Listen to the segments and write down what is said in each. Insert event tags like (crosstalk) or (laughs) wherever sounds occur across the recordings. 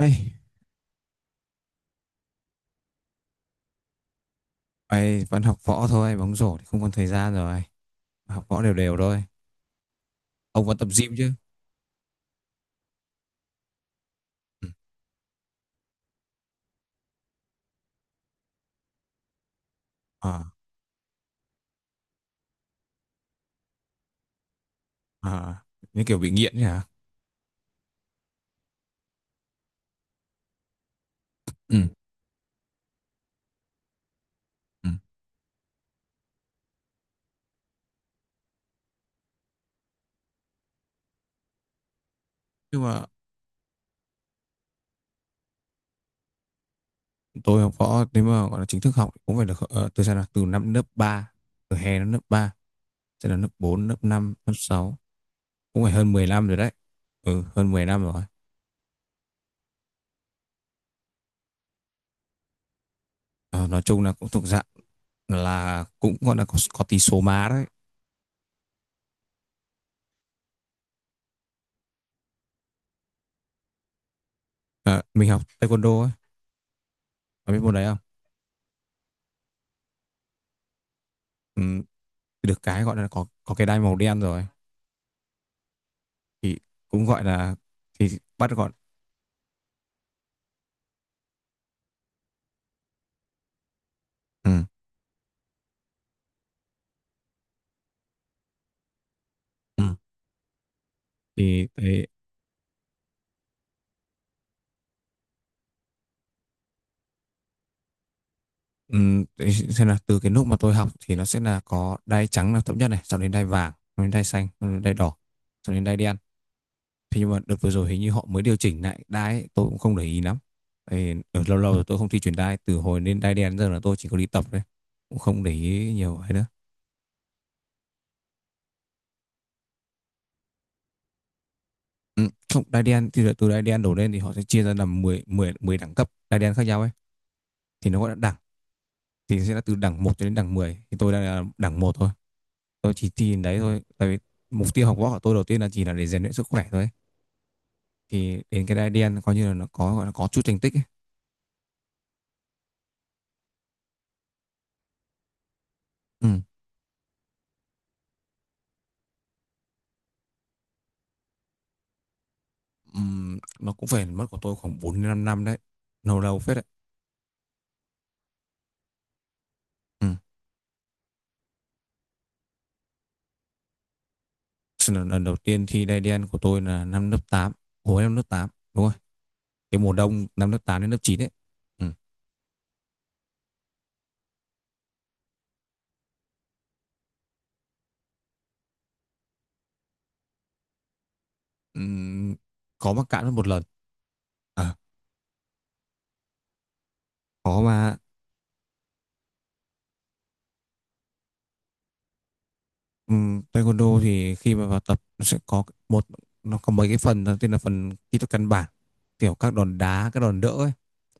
Ê, ấy vẫn học võ thôi, bóng rổ thì không còn thời gian rồi. Học võ đều đều thôi. Ông vẫn tập gym chứ? Ừ. À, à, như kiểu bị nghiện nhỉ? Ừ. Ừ. Nhưng mà tôi học võ nếu mà gọi là chính thức học thì cũng phải được từ sao nào? Từ năm lớp ba, từ hè đến lớp 3 sẽ là lớp 4 lớp 5 lớp sáu, cũng phải hơn 10 năm rồi đấy. Ừ, hơn 10 năm rồi. Ờ, nói chung là cũng thuộc dạng là cũng gọi là có tí số má đấy. Ờ, mình học taekwondo ấy, có biết môn đấy không? Ừ, được cái gọi là có cái đai màu đen rồi thì cũng gọi là thì bắt gọn. Ừ. Ừ. Thì đấy, ừ, đấy xem là từ cái lúc mà tôi học thì nó sẽ là có đai trắng là thấp nhất này, sau đến đai vàng, sau đến đai xanh, sau đến đai đỏ, sau đến đai đen. Thế nhưng mà đợt vừa rồi hình như họ mới điều chỉnh lại đai ấy, tôi cũng không để ý lắm. Thì ở lâu lâu rồi tôi không thi chuyển đai, từ hồi lên đai đen giờ là tôi chỉ có đi tập thôi, cũng không để ý nhiều ấy nữa. Ừ, không, đai đen thì là từ đai đen đổ lên thì họ sẽ chia ra làm 10 10 10 đẳng cấp đai đen khác nhau ấy, thì nó gọi là đẳng. Thì sẽ là từ đẳng một cho đến đẳng 10, thì tôi đang là đẳng một thôi. Tôi chỉ thi đến đấy thôi, tại vì mục tiêu học võ của tôi đầu tiên là chỉ là để rèn luyện sức khỏe thôi, thì đến cái đai đen coi như là nó có gọi là có chút thành tích ấy. Ừ. Nó cũng phải mất của tôi khoảng 4 đến 5 năm đấy, lâu lâu phết đấy. Ừ. Lần đầu tiên thi đai đen của tôi là năm lớp tám, hồi năm lớp 8 đúng rồi, cái mùa đông năm lớp 8 đến lớp chín đấy. Ừ. Ừm, có mắc cạn mất một lần. À, có mà. Taekwondo thì khi mà vào tập nó sẽ có một, nó có mấy cái phần. Đầu tiên là phần kỹ thuật căn bản, kiểu các đòn đá, các đòn đỡ ấy.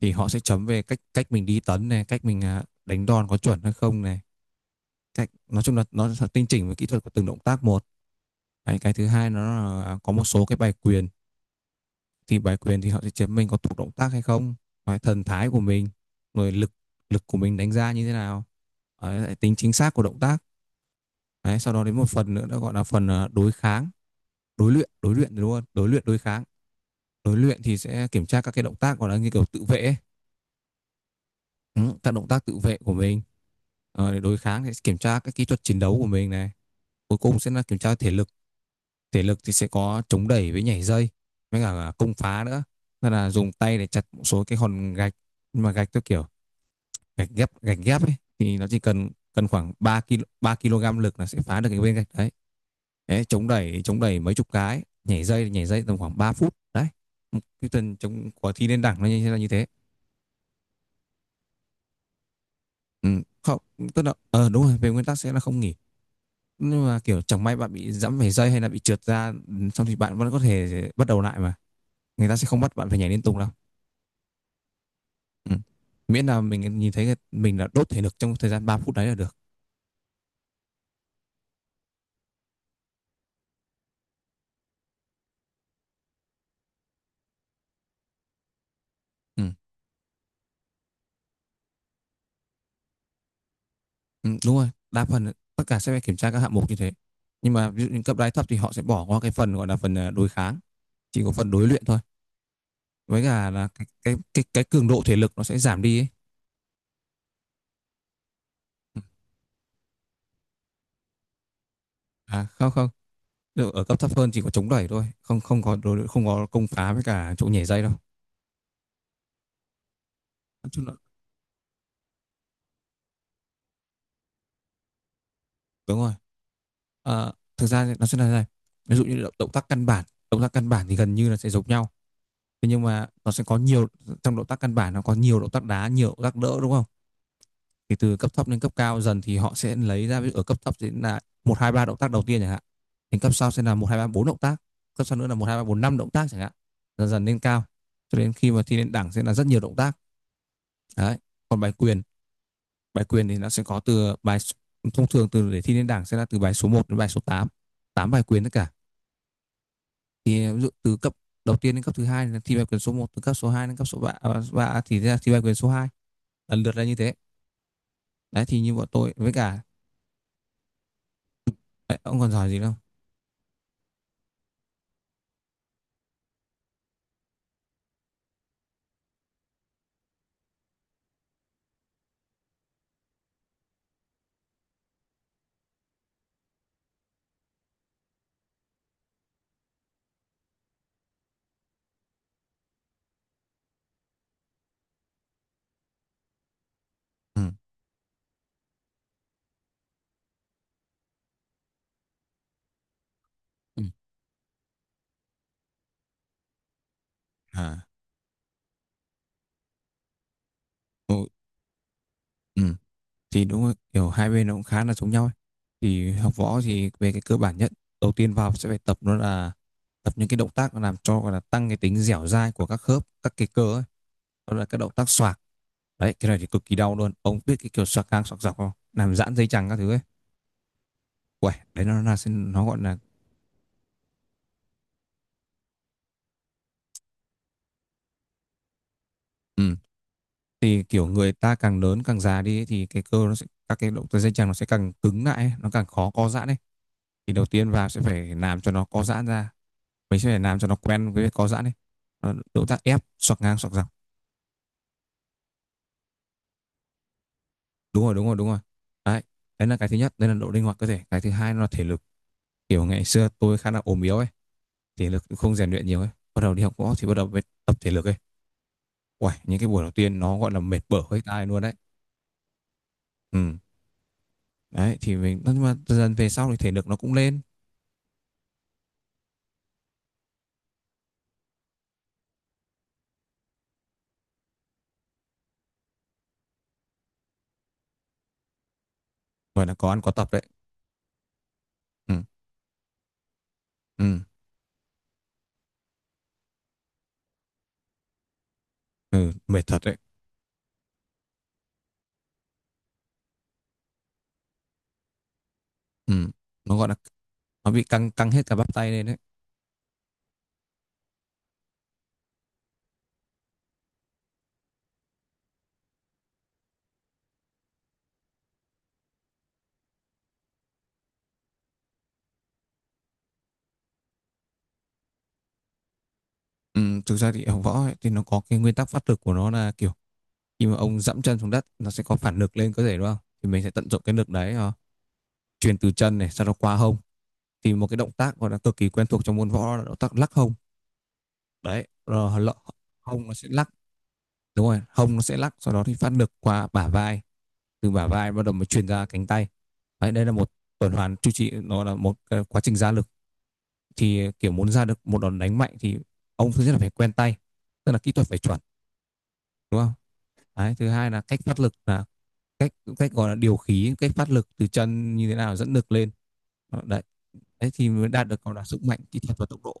Thì họ sẽ chấm về cách cách mình đi tấn này, cách mình đánh đòn có chuẩn hay không này, cách nói chung là nó sẽ tinh chỉnh về kỹ thuật của từng động tác một. Đấy, cái thứ hai nó là có một số cái bài quyền, thì bài quyền thì họ sẽ chấm mình có thuộc động tác hay không. Đấy, thần thái của mình, rồi lực lực của mình đánh ra như thế nào. Đấy, lại tính chính xác của động tác. Đấy, sau đó đến một phần nữa nó gọi là phần đối kháng, đối luyện đúng không, đối luyện đối kháng. Đối luyện thì sẽ kiểm tra các cái động tác gọi là như kiểu tự vệ ấy. Ừ, các động tác tự vệ của mình. Ờ, để đối kháng thì sẽ kiểm tra các kỹ thuật chiến đấu của mình này, cuối cùng sẽ là kiểm tra thể lực. Thể lực thì sẽ có chống đẩy với nhảy dây, với cả công phá nữa, nên là dùng tay để chặt một số cái hòn gạch. Nhưng mà gạch theo kiểu gạch ghép ấy, thì nó chỉ cần cần khoảng 3 ki 3 kg lực là sẽ phá được cái viên gạch đấy. Đấy, chống đẩy mấy chục cái, nhảy dây tầm khoảng 3 phút đấy. Ừ, cái tuần chống của thi lên đẳng nó như, là như thế. Ừ, không, tức là đúng rồi, về nguyên tắc sẽ là không nghỉ. Nhưng mà kiểu chẳng may bạn bị giẫm phải dây hay là bị trượt ra, xong thì bạn vẫn có thể bắt đầu lại mà. Người ta sẽ không bắt bạn phải nhảy liên tục đâu. Ừ. Miễn là mình nhìn thấy mình là đốt thể lực trong thời gian 3 phút đấy là được. Ừ. Ừ, đúng rồi, đa phần tất cả sẽ phải kiểm tra các hạng mục như thế. Nhưng mà ví dụ những cấp đái thấp thì họ sẽ bỏ qua cái phần gọi là phần đối kháng, chỉ có phần đối luyện thôi. Với cả là cái cường độ thể lực nó sẽ giảm đi ấy. Ừ. À, không không, được, ở cấp thấp hơn chỉ có chống đẩy thôi, không không có đối luyện, không có công phá với cả chỗ nhảy dây đâu. Nói chung là đúng rồi. Ờ, thực ra thì nó sẽ là thế này. Ví dụ như động tác căn bản thì gần như là sẽ giống nhau. Thế nhưng mà nó sẽ có nhiều, trong động tác căn bản nó có nhiều động tác đá, nhiều động tác đỡ đúng không? Thì từ cấp thấp đến cấp cao dần thì họ sẽ lấy ra ví dụ ở cấp thấp sẽ là một hai ba động tác đầu tiên chẳng hạn, đến cấp sau sẽ là một hai ba bốn động tác, cấp sau nữa là một hai ba bốn năm động tác chẳng hạn, dần dần lên cao cho đến khi mà thi lên đẳng sẽ là rất nhiều động tác. Đấy, còn bài quyền, bài quyền thì nó sẽ có từ bài, thông thường từ để thi lên đẳng sẽ là từ bài số một đến bài số tám, 8 bài quyền tất cả. Thì ví dụ từ cấp đầu tiên đến cấp thứ hai là thi bài quyền số một, từ cấp số 2 đến cấp số ba, thì ra thi bài quyền số hai, lần lượt là như thế. Đấy thì như bọn tôi với cả đấy, ông còn giỏi gì đâu. Ừ, À, ừ, ừ, thì đúng rồi, kiểu hai bên nó cũng khá là giống nhau ấy. Thì học võ thì về cái cơ bản nhất, đầu tiên vào sẽ phải tập, nó là tập những cái động tác làm cho gọi là tăng cái tính dẻo dai của các khớp, các cái cơ ấy. Đó là các động tác xoạc. Đấy, cái này thì cực kỳ đau luôn. Ông biết cái kiểu xoạc ngang xoạc dọc không? Làm giãn dây chằng các thứ ấy. Uầy, đấy nó là nó gọi là. Ừ. Thì kiểu người ta càng lớn càng già đi ấy, thì cái cơ nó sẽ, các cái động tác dây chằng nó sẽ càng cứng lại ấy, nó càng khó co giãn ấy. Thì đầu tiên vào sẽ phải làm cho nó co giãn ra, mình sẽ phải làm cho nó quen với việc co giãn đi. Nó động tác ép xoạc ngang xoạc dọc. Đúng rồi đúng rồi đúng rồi. Đấy, đấy là cái thứ nhất, đây là độ linh hoạt cơ thể. Cái thứ hai nó là thể lực, kiểu ngày xưa tôi khá là ốm yếu ấy, thể lực cũng không rèn luyện nhiều ấy, bắt đầu đi học võ thì bắt đầu mới tập thể lực ấy. Uầy, những cái buổi đầu tiên nó gọi là mệt bở hết tai luôn đấy. Ừ, đấy thì mình, nhưng mà dần dần về sau thì thể lực nó cũng lên. Gọi là có ăn có tập đấy. ừ ừ, ừ mệt thật đấy. Ừ, nó gọi là nó bị căng căng hết cả bắp tay lên đấy. Ừ, thực ra thì ở võ ấy, thì nó có cái nguyên tắc phát lực của nó là kiểu khi mà ông dẫm chân xuống đất nó sẽ có phản lực lên cơ thể đúng không? Thì mình sẽ tận dụng cái lực đấy, truyền từ chân này sau đó qua hông. Thì một cái động tác gọi là cực kỳ quen thuộc trong môn võ là động tác lắc hông. Đấy, hông nó sẽ lắc, đúng rồi, hông nó sẽ lắc sau đó thì phát lực qua bả vai, từ bả vai bắt đầu mới truyền ra cánh tay. Đấy, đây là một tuần hoàn chu trị, nó là một quá trình ra lực. Thì kiểu muốn ra được một đòn đánh mạnh thì ông thứ nhất là phải quen tay, tức là kỹ thuật phải chuẩn đúng không? Đấy, thứ hai là cách phát lực, là cách cách gọi là điều khí, cách phát lực từ chân như thế nào dẫn lực lên. Đó, đấy đấy thì mới đạt được gọi là sức mạnh, kỹ thuật và tốc độ.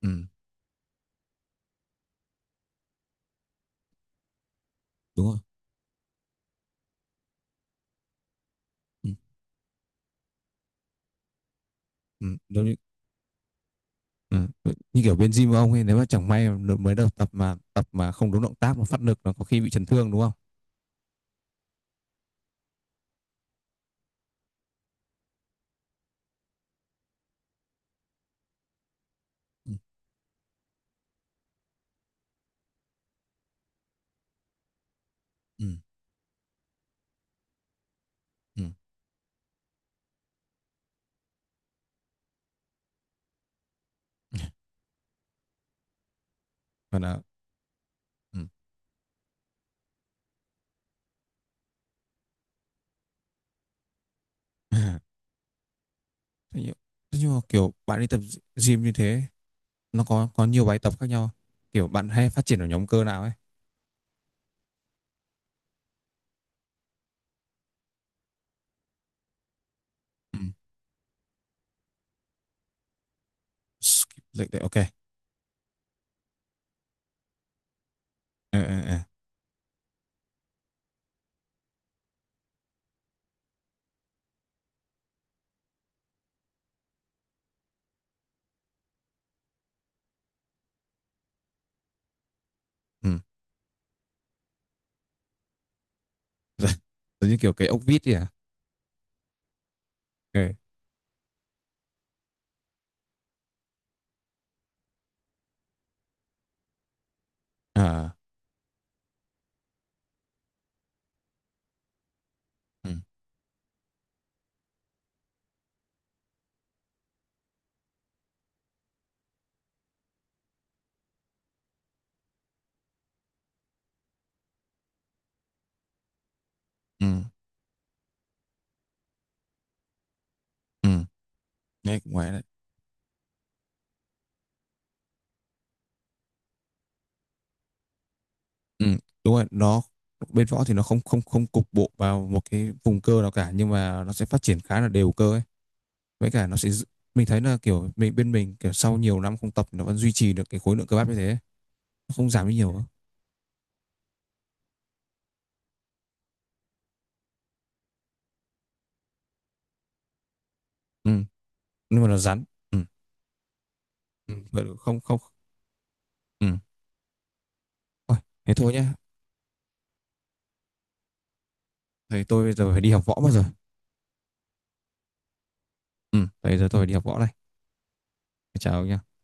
Ừ, đúng rồi. ừ, ừ, giống như, ừ, như kiểu bên gym của ông ấy, nếu mà chẳng may mà mới đầu tập mà không đúng động tác mà phát lực nó có khi bị chấn thương đúng không. ừ, ừ, ừ. Còn là. Ừ. (laughs) thế nhưng Thế nhưng mà kiểu bạn đi tập gym như thế, nó có nhiều bài tập khác nhau, kiểu bạn hay phát triển ở nhóm cơ nào ấy. Ừ. Skip leg day, ok. Ừ. Ừ. (laughs) Giống như kiểu cái ốc vít ấy à? Ừ. À. Ừ. Ừ. Ừ. Nghe cũng ngoài đấy. Ừ. Đúng rồi, nó bên võ thì nó không không không cục bộ vào một cái vùng cơ nào cả, nhưng mà nó sẽ phát triển khá là đều cơ ấy. Với cả nó sẽ giữ- mình thấy là kiểu mình bên mình kiểu sau nhiều năm không tập nó vẫn duy trì được cái khối lượng cơ bắp như thế ấy. Nó không giảm đi nhiều đâu. Ừ. Nhưng mà nó rắn. Ừ. Ừ. Vậy là. Không không. Ừ. Thôi, thế thôi nhá. Thầy tôi bây giờ phải đi học võ mất rồi. Ừ. Bây giờ tôi phải đi học võ đây. Chào ông nhá.